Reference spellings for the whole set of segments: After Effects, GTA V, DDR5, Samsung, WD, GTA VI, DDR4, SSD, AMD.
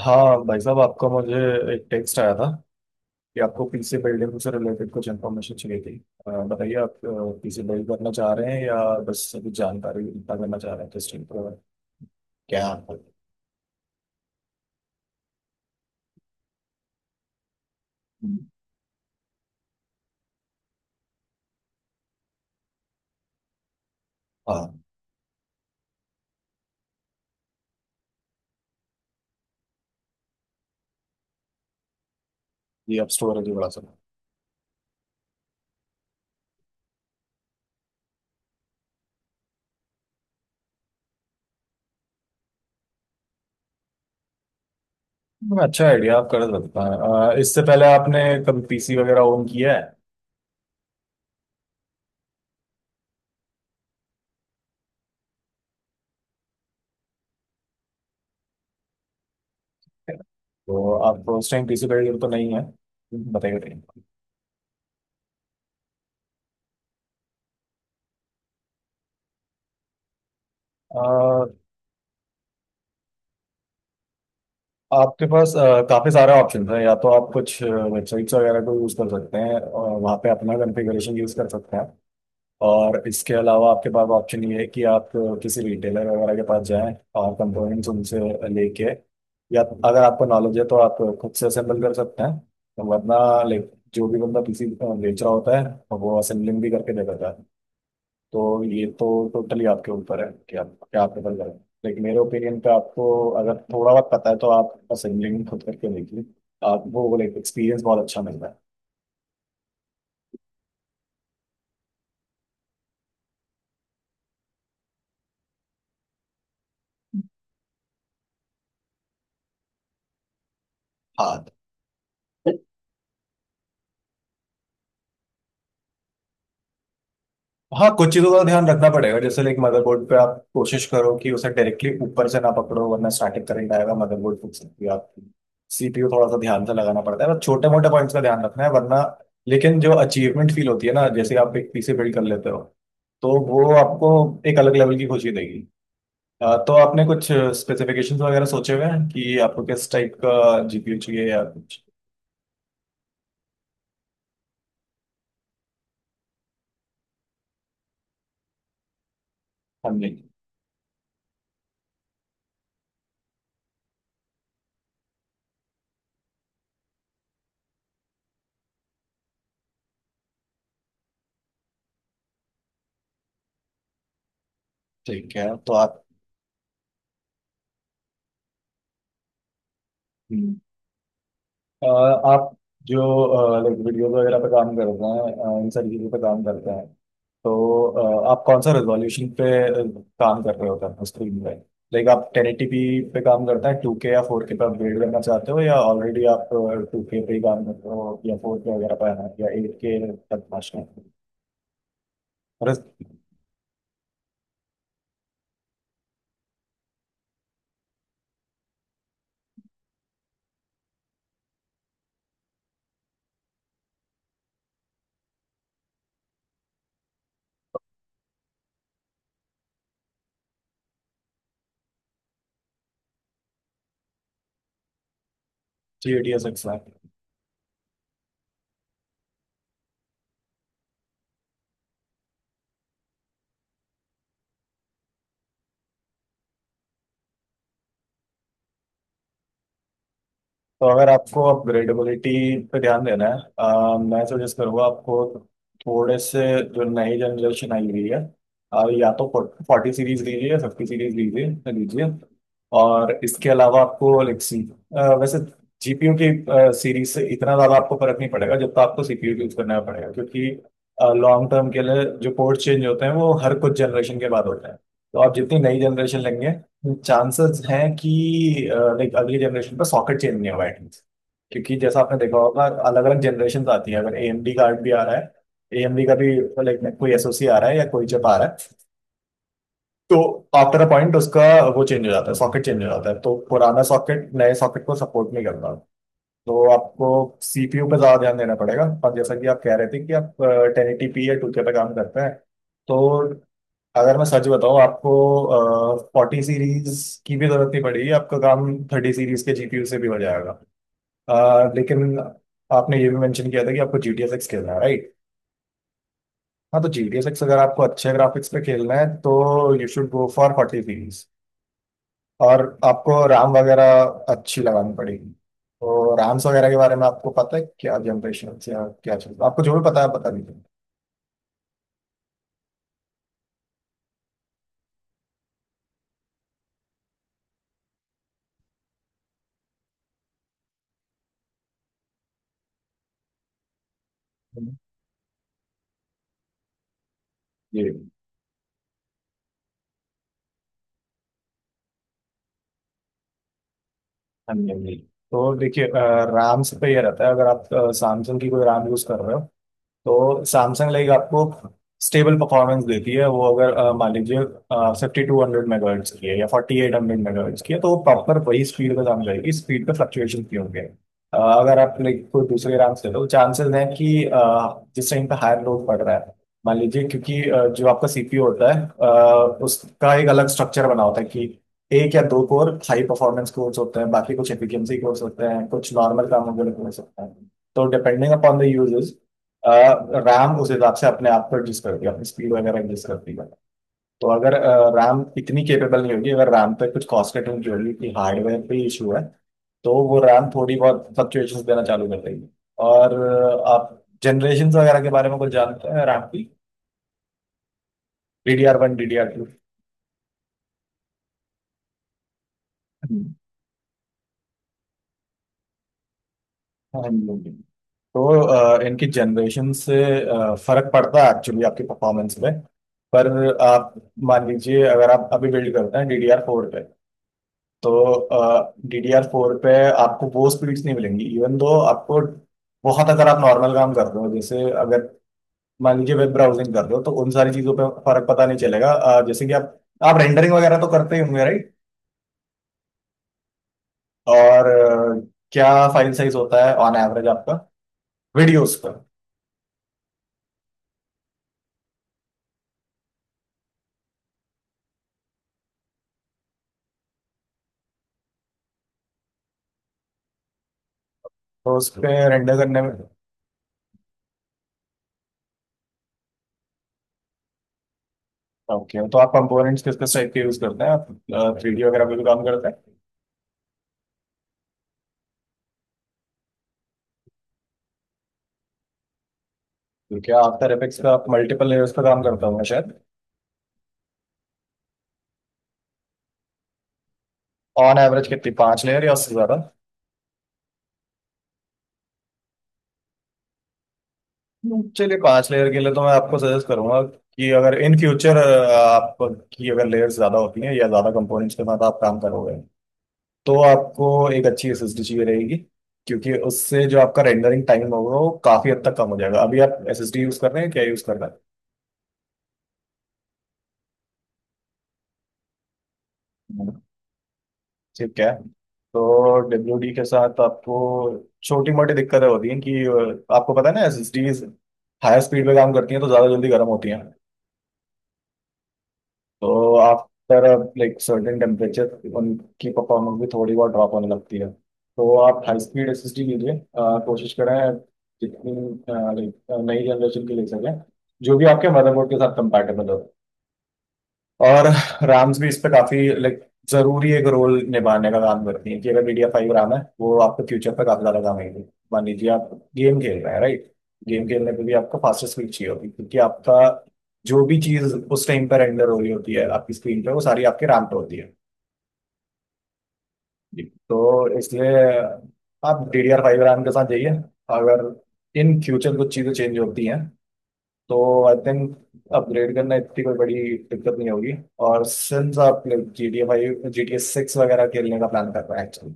हाँ भाई साहब आपका मुझे एक टेक्स्ट आया था कि आपको पीसी बिल्डिंग से रिलेटेड कुछ इन्फॉर्मेशन चाहिए थी। बताइए, आप पीसी बिल्ड करना चाह रहे हैं या बस अभी जानकारी इकट्ठा करना चाह रहे हैं, टेस्टिंग पर क्या है आपका? हाँ, ये आप स्टोरेज बड़ा सा। अच्छा आइडिया, आप कर सकते हैं। इससे पहले आपने कभी पीसी वगैरह ओन किया है? तो आप उस टाइम पीसी बिल्डर तो नहीं है, बताइए। बताइए, आपके पास काफी सारे ऑप्शन है। या तो आप कुछ वेबसाइट्स वगैरह को यूज कर सकते हैं और वहाँ पे अपना कॉन्फ़िगरेशन यूज कर सकते हैं। और इसके अलावा आपके पास ऑप्शन ये है कि आप किसी रिटेलर वगैरह के पास जाएं और कंपोनेंट्स उनसे लेके, या अगर आपको नॉलेज है तो आप खुद से असेंबल कर सकते हैं। वरना लाइक जो भी बंदा पीसी बेच रहा होता है, वो असेंबलिंग भी करके दे देता है। तो ये तो टोटली आपके ऊपर है कि आप क्या आप प्रेफर करें। लेकिन मेरे ओपिनियन पे आपको, अगर थोड़ा बहुत पता है तो आप असेंबलिंग खुद करके देखिए। आप वो लाइक एक्सपीरियंस बहुत अच्छा मिल रहा है। हाँ हाँ, कुछ चीज़ों का ध्यान रखना पड़ेगा, जैसे लाइक मदरबोर्ड पे आप कोशिश करो कि उसे डायरेक्टली ऊपर से ना पकड़ो, वरना स्टैटिक करंट आएगा, मदरबोर्ड फूक सकती है आपकी। सीपीयू थोड़ा सा ध्यान से लगाना पड़ता है, बस छोटे मोटे पॉइंट्स का ध्यान रखना है, वरना। लेकिन जो अचीवमेंट फील होती है ना जैसे आप एक पीसी बिल्ड कर लेते हो, तो वो आपको एक अलग लेवल की खुशी देगी। तो आपने कुछ स्पेसिफिकेशंस वगैरह सोचे हुए हैं कि आपको किस टाइप का जीपीयू चाहिए या कुछ? हाँ जी। ठीक है, तो आप। हम्म। अ, आप जो लाइक वीडियो वगैरह पे काम करते हैं, इन सारी चीज़ों पे काम करते हैं, तो आप कौन सा रेजोल्यूशन पे काम कर रहे होते हैं स्क्रीन पे? लाइक आप टेन एटी पी पे काम करते हैं, टू के या फोर के पे अपग्रेड करना चाहते हो, या ऑलरेडी आप टू के पे ही काम करते हो, या फोर के वगैरह पे हैं, या एट के तक पहुँचना है? और जी डी एस एक्स है। तो अगर आपको अपग्रेडेबिलिटी पे ध्यान देना है, मैं सजेस्ट करूँगा आपको, थोड़े से, जो नई जनरेशन आई हुई है, या तो फोर्टी सीरीज लीजिए या फिफ्टी सीरीज लीजिए लीजिए। और इसके अलावा आपको लेक्सी, वैसे जीपीयू की सीरीज से इतना ज़्यादा आपको फर्क नहीं पड़ेगा जब तक आपको सीपीयू यूज़ करना पड़ेगा, क्योंकि लॉन्ग टर्म के लिए जो पोर्ट चेंज होते हैं वो हर कुछ जनरेशन के बाद होते हैं। तो आप जितनी नई जनरेशन लेंगे, चांसेस हैं कि लाइक अगली जनरेशन पर सॉकेट चेंज नहीं होगा एटलीस्ट। क्योंकि जैसा आपने देखा होगा, अलग अलग जनरेशन आती है, अगर एएमडी कार्ड भी आ रहा है, एएमडी का भी लाइक कोई एसओसी आ रहा है या कोई चिप आ रहा है, तो आफ्टर अ पॉइंट उसका, वो चेंज हो जाता है, सॉकेट चेंज हो जाता है, तो पुराना सॉकेट नए सॉकेट को सपोर्ट नहीं करता। तो आपको सीपीयू पे ज़्यादा ध्यान देना पड़ेगा। और जैसा कि आप कह रहे थे कि आप टेन एटी पी या 2K पे काम करते हैं, तो अगर मैं सच बताऊं आपको, फोर्टी सीरीज की भी ज़रूरत नहीं पड़ेगी, आपका काम थर्टी सीरीज के जीपीयू से भी हो जाएगा। लेकिन आपने ये भी मेंशन किया था कि आपको जी टी एस एक्स खेलना है, राइट? हाँ, तो जी टी एस एक्स अगर आपको अच्छे ग्राफिक्स पे खेलना है तो you should go for forty series. और आपको राम वगैरह अच्छी लगानी पड़ेगी। तो राम्स वगैरह के बारे में आपको पता है क्या जनरेशन या क्या चलता है? आपको जो भी पता है आप बता दीजिए। ये, हाँ जी, हाँ जी, तो देखिए राम्स पे ये रहता है। अगर आप Samsung की कोई राम यूज़ कर रहे हो, तो सैमसंग लाइक आपको स्टेबल परफॉर्मेंस देती है। वो अगर मान लीजिए फिफ्टी टू हंड्रेड मेगाहर्ट्ज की है या फोर्टी एट हंड्रेड मेगाहर्ट्ज की है, तो वो प्रॉपर वही स्पीड पे काम करेगी। स्पीड पे फ्लक्चुएशन भी होंगे अगर आप लाइक कोई दूसरे रैम से, तो चांसेस हैं कि जिस टाइम पे हायर लोड पड़ रहा है, मान लीजिए, क्योंकि जो आपका सीपीयू होता है, उसका एक अलग स्ट्रक्चर बना होता है कि एक या दो कोर हाई परफॉर्मेंस कोर्स होते हैं, बाकी कुछ एफिशिएंसी कोर्स होते हैं, कुछ नॉर्मल कामों के लिए कोर्स होते हैं, तो depending upon the users, RAM उस हिसाब से अपने आप को एडजस्ट करती है, अपनी स्पीड वगैरह एडजस्ट करती है। तो अगर रैम इतनी केपेबल नहीं होगी, अगर रैम पे कुछ कॉस्ट कटिंग की होगी कि हार्डवेयर पे इशू है, तो वो रैम थोड़ी बहुत फ्लक्चुएशन देना चालू कर देगी। और आप जनरेशन वगैरह के बारे में कुछ जानते हैं रैम की? D D R one, D D R two? हाँ जी, तो इनकी जनरेशन से फर्क पड़ता है एक्चुअली आपकी परफॉर्मेंस पे। पर आप मान लीजिए अगर आप अभी बिल्ड करते हैं डी डी आर फोर पे, तो डीडीआर फोर पे आपको वो स्पीड्स नहीं मिलेंगी। इवन दो आपको बहुत, अगर आप नॉर्मल काम कर रहे हो, जैसे अगर मान लीजिए वेब ब्राउजिंग कर रहे हो, तो उन सारी चीजों पे फर्क पता नहीं चलेगा। जैसे कि आप रेंडरिंग वगैरह तो करते ही होंगे, राइट? और क्या फाइल साइज होता है ऑन एवरेज आपका वीडियोस का? तो उस पे रेंडर करने में, ओके, तो आप कंपोनेंट्स किस किस टाइप के यूज करते हैं? आप थ्री डी वगैरह पे भी काम करते हैं? क्योंकि आफ्टर इफेक्ट्स पे आप मल्टीपल लेयर्स पे काम करते होंगे शायद। ऑन एवरेज कितनी, पांच लेयर या उससे ज्यादा? चलिए, पांच लेयर के लिए तो मैं आपको सजेस्ट करूंगा कि अगर इन फ्यूचर आपकी अगर लेयर्स ज्यादा होती हैं या ज्यादा कंपोनेंट्स के साथ आप काम करोगे, तो आपको एक अच्छी एसएसडी चाहिए रहेगी। क्योंकि उससे जो आपका रेंडरिंग टाइम होगा वो काफी हद तक कम हो जाएगा। अभी आप एसएसडी यूज कर रहे हैं? क्या यूज कर रहे हैं? ठीक है, तो डब्ल्यू डी के साथ आपको छोटी मोटी दिक्कतें होती हैं कि आपको पता है ना एसएसडीज हायर स्पीड पे काम करती हैं तो ज्यादा जल्दी गर्म होती हैं। तो आफ्टर लाइक सर्टेन टेम्परेचर उनकी परफॉर्मेंस भी थोड़ी बहुत ड्रॉप होने लगती है। तो आप हाई स्पीड एसएसडी लीजिए। कोशिश करें जितनी लाइक नई जनरेशन की ले सकें, जो भी आपके मदरबोर्ड के साथ कंपैटिबल हो। और राम्स भी इस पे काफी लाइक जरूरी एक रोल निभाने का काम करती है, कि अगर मीडिया फाइव राम है, वो आपके फ्यूचर पे काफी ज्यादा काम आएगी। मान लीजिए आप गेम खेल रहे हैं, राइट? गेम खेलने पे भी आपको फास्टेस्ट स्पीड चाहिए होगी, क्योंकि आपका जो भी चीज उस टाइम पर रेंडर हो रही होती है आपकी स्क्रीन पे, वो सारी आपके राम पे होती है। जी, तो इसलिए आप D D R five RAM के साथ जाइए। अगर इन फ्यूचर कुछ चीज़ें चेंज होती हैं, तो आई थिंक अपग्रेड करना इतनी कोई बड़ी दिक्कत नहीं होगी। और सिंस आप G T A five, G T A six वगैरह खेलने का प्लान कर रहे हैं एक्चुअली,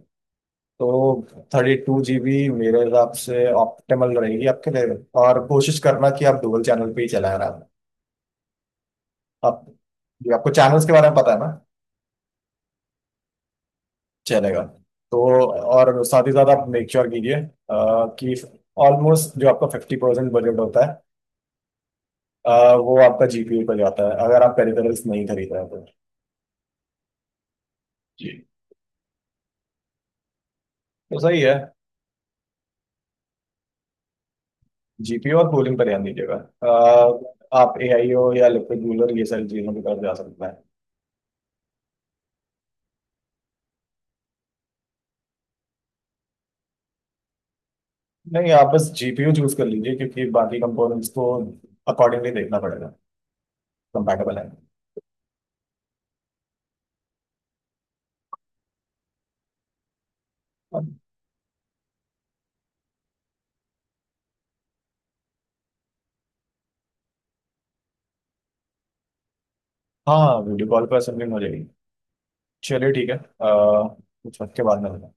तो थर्टी टू जी बी मेरे हिसाब से ऑप्टिमल रहेगी आपके लिए। और कोशिश करना कि आप डुअल चैनल पे ही चला रहा। आप जी, आपको चैनल्स के बारे में पता है ना? चलेगा। तो और साथ ही साथ आप मेक श्योर कीजिए कि ऑलमोस्ट जो आपका फिफ्टी परसेंट बजट होता है, वो आपका जीपीयू पर जाता है, अगर आप पेरिफेरल्स नहीं खरीद रहे हो तो। जी, तो सही है। जीपीयू और कूलिंग पर ध्यान दीजिएगा। आप एआई हो या लिक्विड कूलर, ये सारी चीजों की तरफ जा सकता है। नहीं, आप बस जीपीयू चूज कर लीजिए, क्योंकि बाकी कंपोनेंट्स को अकॉर्डिंगली देखना पड़ेगा कंपैटिबल है। हाँ, वीडियो कॉल पर असेंबलिंग हो जाएगी। चलिए ठीक है। कुछ वक्त के बाद में।